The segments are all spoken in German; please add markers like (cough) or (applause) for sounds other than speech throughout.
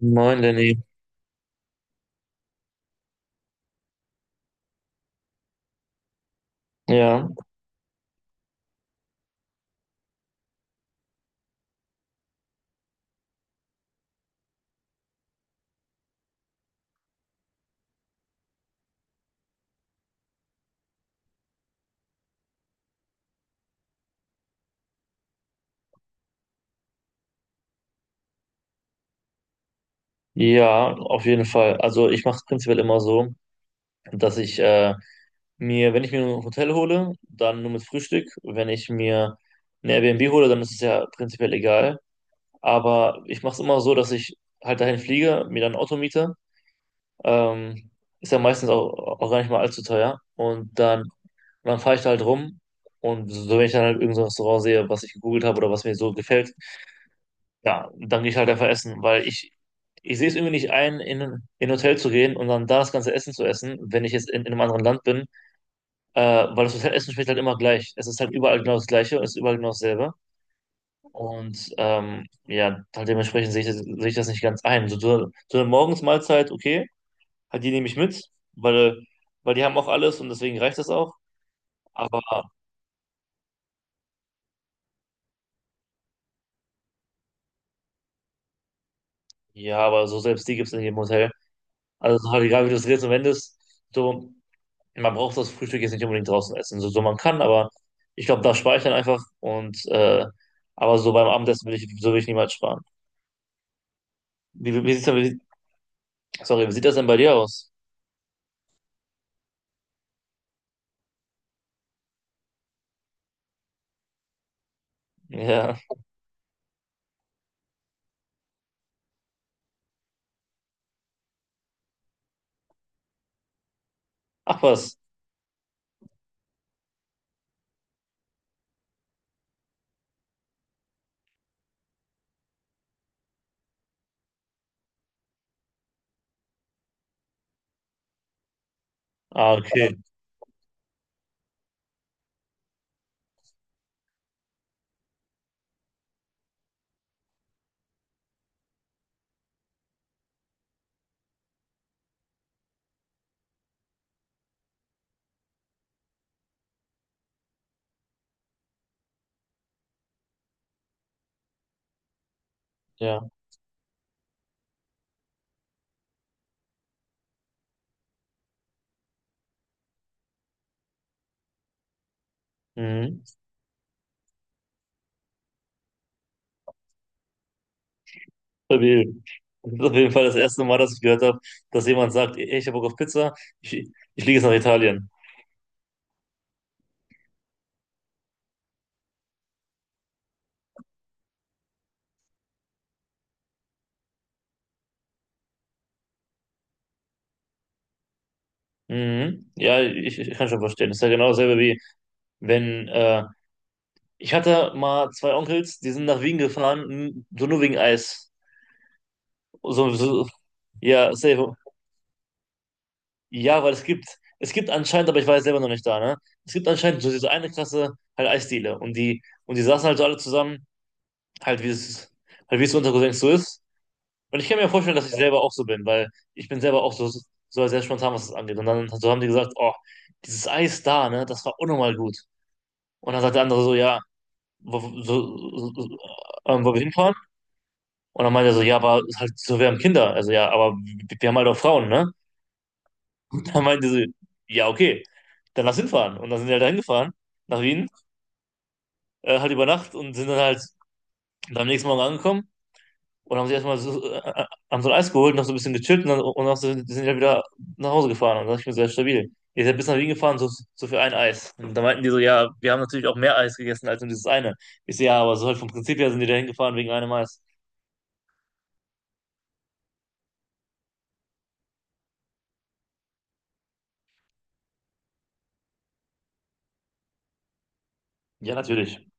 Moin, Lenny. Ja, ja, auf jeden Fall. Also ich mache es prinzipiell immer so, dass ich mir, wenn ich mir ein Hotel hole, dann nur mit Frühstück. Wenn ich mir ein Airbnb hole, dann ist es ja prinzipiell egal. Aber ich mache es immer so, dass ich halt dahin fliege, mir dann ein Auto miete. Ähm, ist ja meistens auch gar nicht mal allzu teuer. Und dann dann fahre ich da halt rum. Und so, wenn ich dann halt irgend so ein Restaurant sehe, was ich gegoogelt habe oder was mir so gefällt. Ja, dann gehe ich halt einfach essen, weil ich sehe es irgendwie nicht ein, in ein Hotel zu gehen und dann da das ganze Essen zu essen, wenn ich jetzt in einem anderen Land bin, weil das Hotelessen schmeckt halt immer gleich. Es ist halt überall genau das Gleiche und es ist überall genau dasselbe. Und ja, halt dementsprechend sehe sehe ich das nicht ganz ein. So, so eine Morgensmahlzeit, okay, halt die nehme ich mit, weil, weil die haben auch alles und deswegen reicht das auch. Aber ja, aber so selbst die gibt es in jedem Hotel. Also es ist halt egal, wie du es drehst und wendest, so man braucht das Frühstück jetzt nicht unbedingt draußen essen, so, so man kann, aber ich glaube, da spare ich dann einfach und aber so beim Abendessen will ich, so will ich niemals sparen. Wie sieht's denn, sorry, wie sieht das denn bei dir aus? Ja. (laughs) Ach was. Ah, okay. Ja. Mhm. Stabil. Das ist auf jeden Fall das erste Mal, dass ich gehört habe, dass jemand sagt, ey, ich habe Bock auf Pizza, ich fliege jetzt nach Italien. Mhm. Ja, ich kann schon verstehen. Das ist ja genau dasselbe wie wenn ich hatte mal zwei Onkels, die sind nach Wien gefahren, so nur wegen Eis. So, so, ja, safe. Ja, es gibt anscheinend, aber ich war jetzt selber noch nicht da, ne? Es gibt anscheinend so diese eine Klasse, halt Eisdiele. Und die saßen halt so alle zusammen, halt wie es, halt wie es unter Cousins so ist. Und ich kann mir vorstellen, dass ich selber auch so bin, weil ich bin selber auch so, so sehr spontan, was das angeht. Und dann so haben die gesagt, oh, dieses Eis da, ne, das war unnormal gut. Und dann sagt der andere so, ja, wo, wo- so, so, wo wir hinfahren? Und dann meinte er so, ja, aber halt, so, wir haben Kinder. Also ja, aber wir haben halt auch Frauen, ne? Da meinte sie, ja, okay, dann lass hinfahren. Und dann sind die halt dahin gefahren nach Wien, halt über Nacht und sind dann halt am nächsten Morgen angekommen und haben sich erstmal so, haben so ein Eis geholt, noch so ein bisschen gechillt und dann sind die halt wieder nach Hause gefahren. Und dann dachte ich mir, sehr stabil. Ihr seid bis nach Wien gefahren, so, so für ein Eis. Und da meinten die so, ja, wir haben natürlich auch mehr Eis gegessen als nur dieses eine. Ich so, ja, aber so halt vom Prinzip her sind die da hingefahren wegen einem Eis. Ja, natürlich.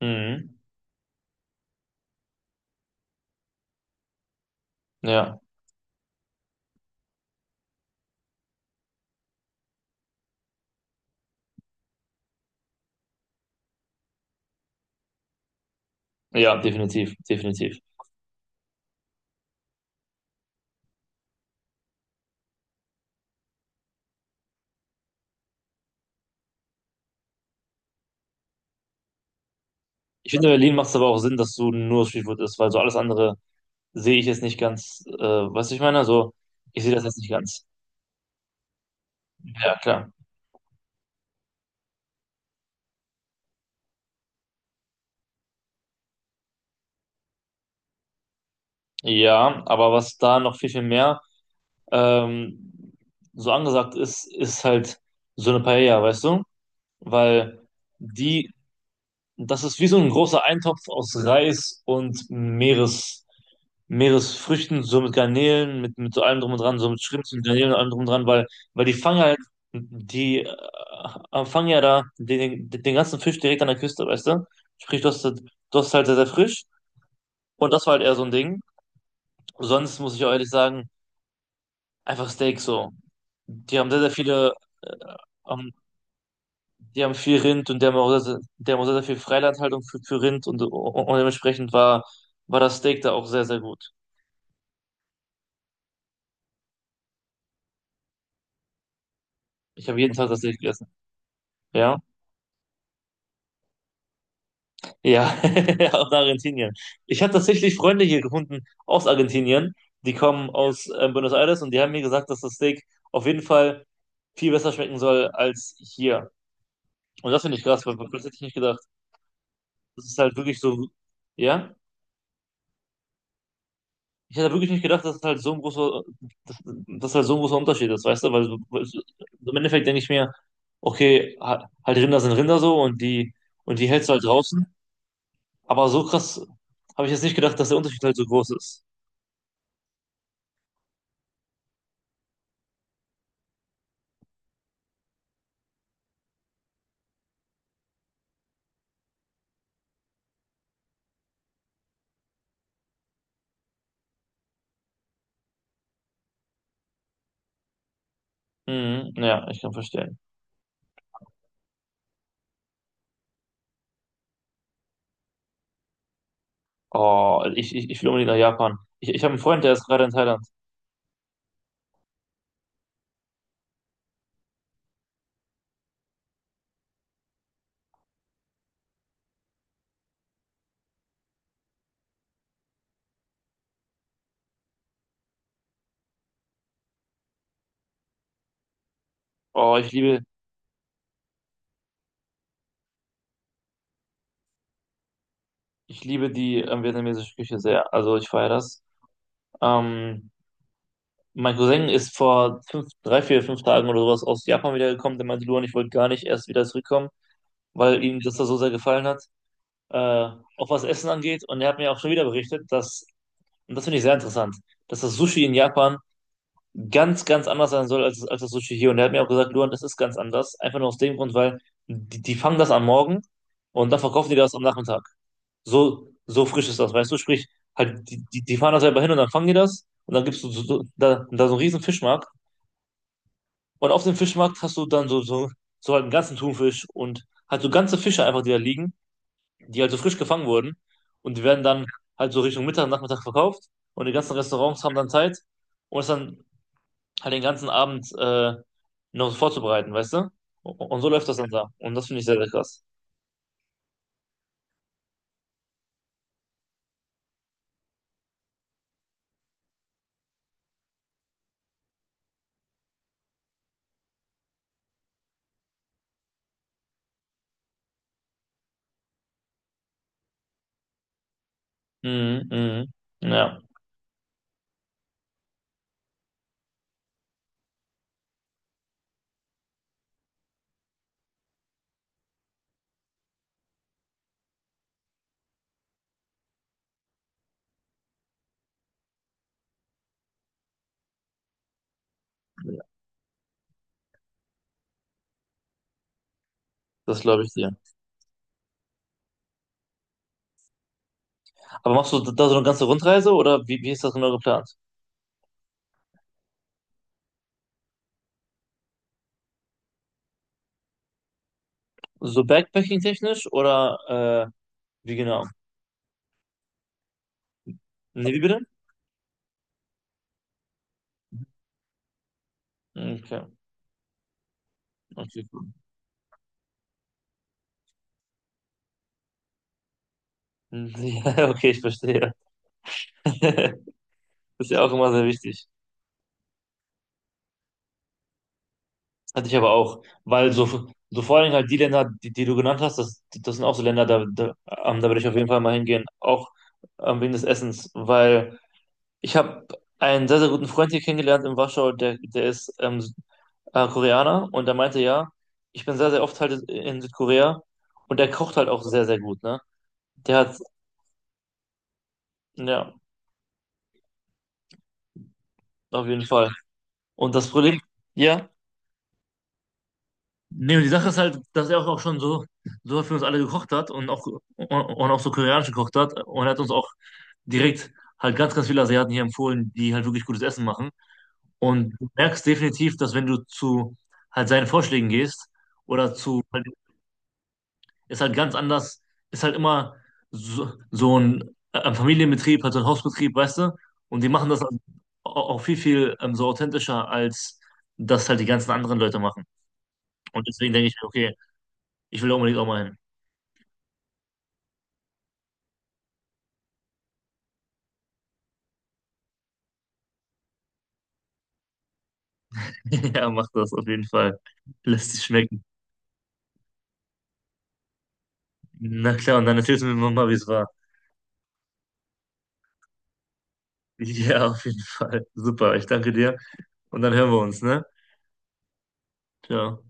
Mhm. Ja, ja, definitiv, definitiv. Ich finde, in Berlin macht es aber auch Sinn, dass du nur Streetfood isst, weil so alles andere sehe ich jetzt nicht ganz, was ich meine. So, ich sehe das jetzt nicht ganz. Ja, klar. Ja, aber was da noch viel, viel mehr ähm, so angesagt ist, ist halt so eine Paella, weißt du? Weil die Das ist wie so ein großer Eintopf aus Reis und Meeresfrüchten, so mit Garnelen, mit so allem drum und dran, so mit Schrimps und Garnelen und allem drum und dran, weil die fangen ja da den ganzen Fisch direkt an der Küste, weißt du? Sprich, du hast halt sehr, sehr frisch und das war halt eher so ein Ding. Sonst muss ich auch ehrlich sagen, einfach Steak so. Die haben sehr, sehr viele äh, Die haben viel Rind und die haben auch die haben auch sehr, sehr viel Freilandhaltung für Rind und dementsprechend war das Steak da auch sehr, sehr gut. Ich habe jeden Tag das Steak gegessen. Ja, ja, (laughs) aus Argentinien. Ich habe tatsächlich Freunde hier gefunden aus Argentinien, die kommen aus Buenos Aires und die haben mir gesagt, dass das Steak auf jeden Fall viel besser schmecken soll als hier. Und das finde ich krass, weil das hätte ich nicht gedacht. Das ist halt wirklich so, ja? Ich hätte wirklich nicht gedacht, dass es halt so ein dass, dass halt so ein großer Unterschied ist, weißt du? So im Endeffekt denke ich mir, okay, halt Rinder sind Rinder so und die hältst du halt draußen. Aber so krass habe ich jetzt nicht gedacht, dass der Unterschied halt so groß ist. Mhm, ja, ich kann verstehen. Oh, ich will unbedingt nach Japan. Ich habe einen Freund, der ist gerade in Thailand. Oh, ich liebe die vietnamesische Küche sehr. Also ich feiere das. Ähm, Mein Cousin ist vor fünf, drei, vier, fünf Tagen oder sowas aus Japan wiedergekommen. Der meinte, Luan, ich wollte gar nicht erst wieder zurückkommen, weil ihm das da so sehr gefallen hat, äh, auch was Essen angeht. Und er hat mir auch schon wieder berichtet, und das finde ich sehr interessant, dass das Sushi in Japan ganz, ganz anders sein soll als das Sushi hier. Und er hat mir auch gesagt, Luan, das ist ganz anders. Einfach nur aus dem Grund, weil die fangen das am Morgen und dann verkaufen die das am Nachmittag. So, so frisch ist das, weißt du? Sprich, halt, die fahren da selber hin und dann fangen die das. Und dann gibt's so, so, so- da, da so einen riesen Fischmarkt. Und auf dem Fischmarkt hast du dann so halt einen ganzen Thunfisch und halt so ganze Fische einfach, die da liegen, die halt so frisch gefangen wurden. Und die werden dann halt so Richtung Mittag, Nachmittag verkauft. Und die ganzen Restaurants haben dann Zeit, um es dann halt den ganzen Abend noch so vorzubereiten, weißt du? Und so läuft das dann da. Und das finde ich sehr, sehr krass. Mhm, mhm. Ja, das glaube ich dir. Aber machst du da so eine ganze Rundreise oder wie ist das genau geplant? So Backpacking-technisch oder äh, wie genau? Nee, wie bitte? Okay, okay, cool. Hm, ja, (laughs) okay, ich verstehe. (laughs) Das ist ja auch immer sehr wichtig. Hatte ich aber auch, weil so, so vor allem halt die Länder, die du genannt hast, das sind auch so Länder, da würde ich auf jeden Fall mal hingehen, auch wegen des Essens, weil ich habe einen sehr, sehr guten Freund hier kennengelernt in Warschau, der ist Koreaner und der meinte, ja, ich bin sehr, sehr oft halt in Südkorea und der kocht halt auch sehr, sehr gut, ne? Der hat, ja, auf jeden Fall. Und das Problem, ja. Nee, und die Sache ist halt, dass er auch schon so, so für uns alle gekocht hat und und auch so koreanisch gekocht hat. Und er hat uns auch direkt halt ganz, ganz viele Asiaten hier empfohlen, die halt wirklich gutes Essen machen. Und du merkst definitiv, dass wenn du zu halt seinen Vorschlägen gehst oder zu, halt, ist halt ganz anders, ist halt immer so ein Familienbetrieb, halt so ein Hausbetrieb, weißt du? Und die machen das auch auch viel, viel so authentischer, als das halt die ganzen anderen Leute machen. Und deswegen denke ich, okay, ich will da unbedingt auch mal hin. (laughs) Ja, mach das auf jeden Fall. Lass dich schmecken. Na klar, und dann erzählst du mir mal, wie es war. Ja, auf jeden Fall. Super, ich danke dir. Und dann hören wir uns, ne? Ciao.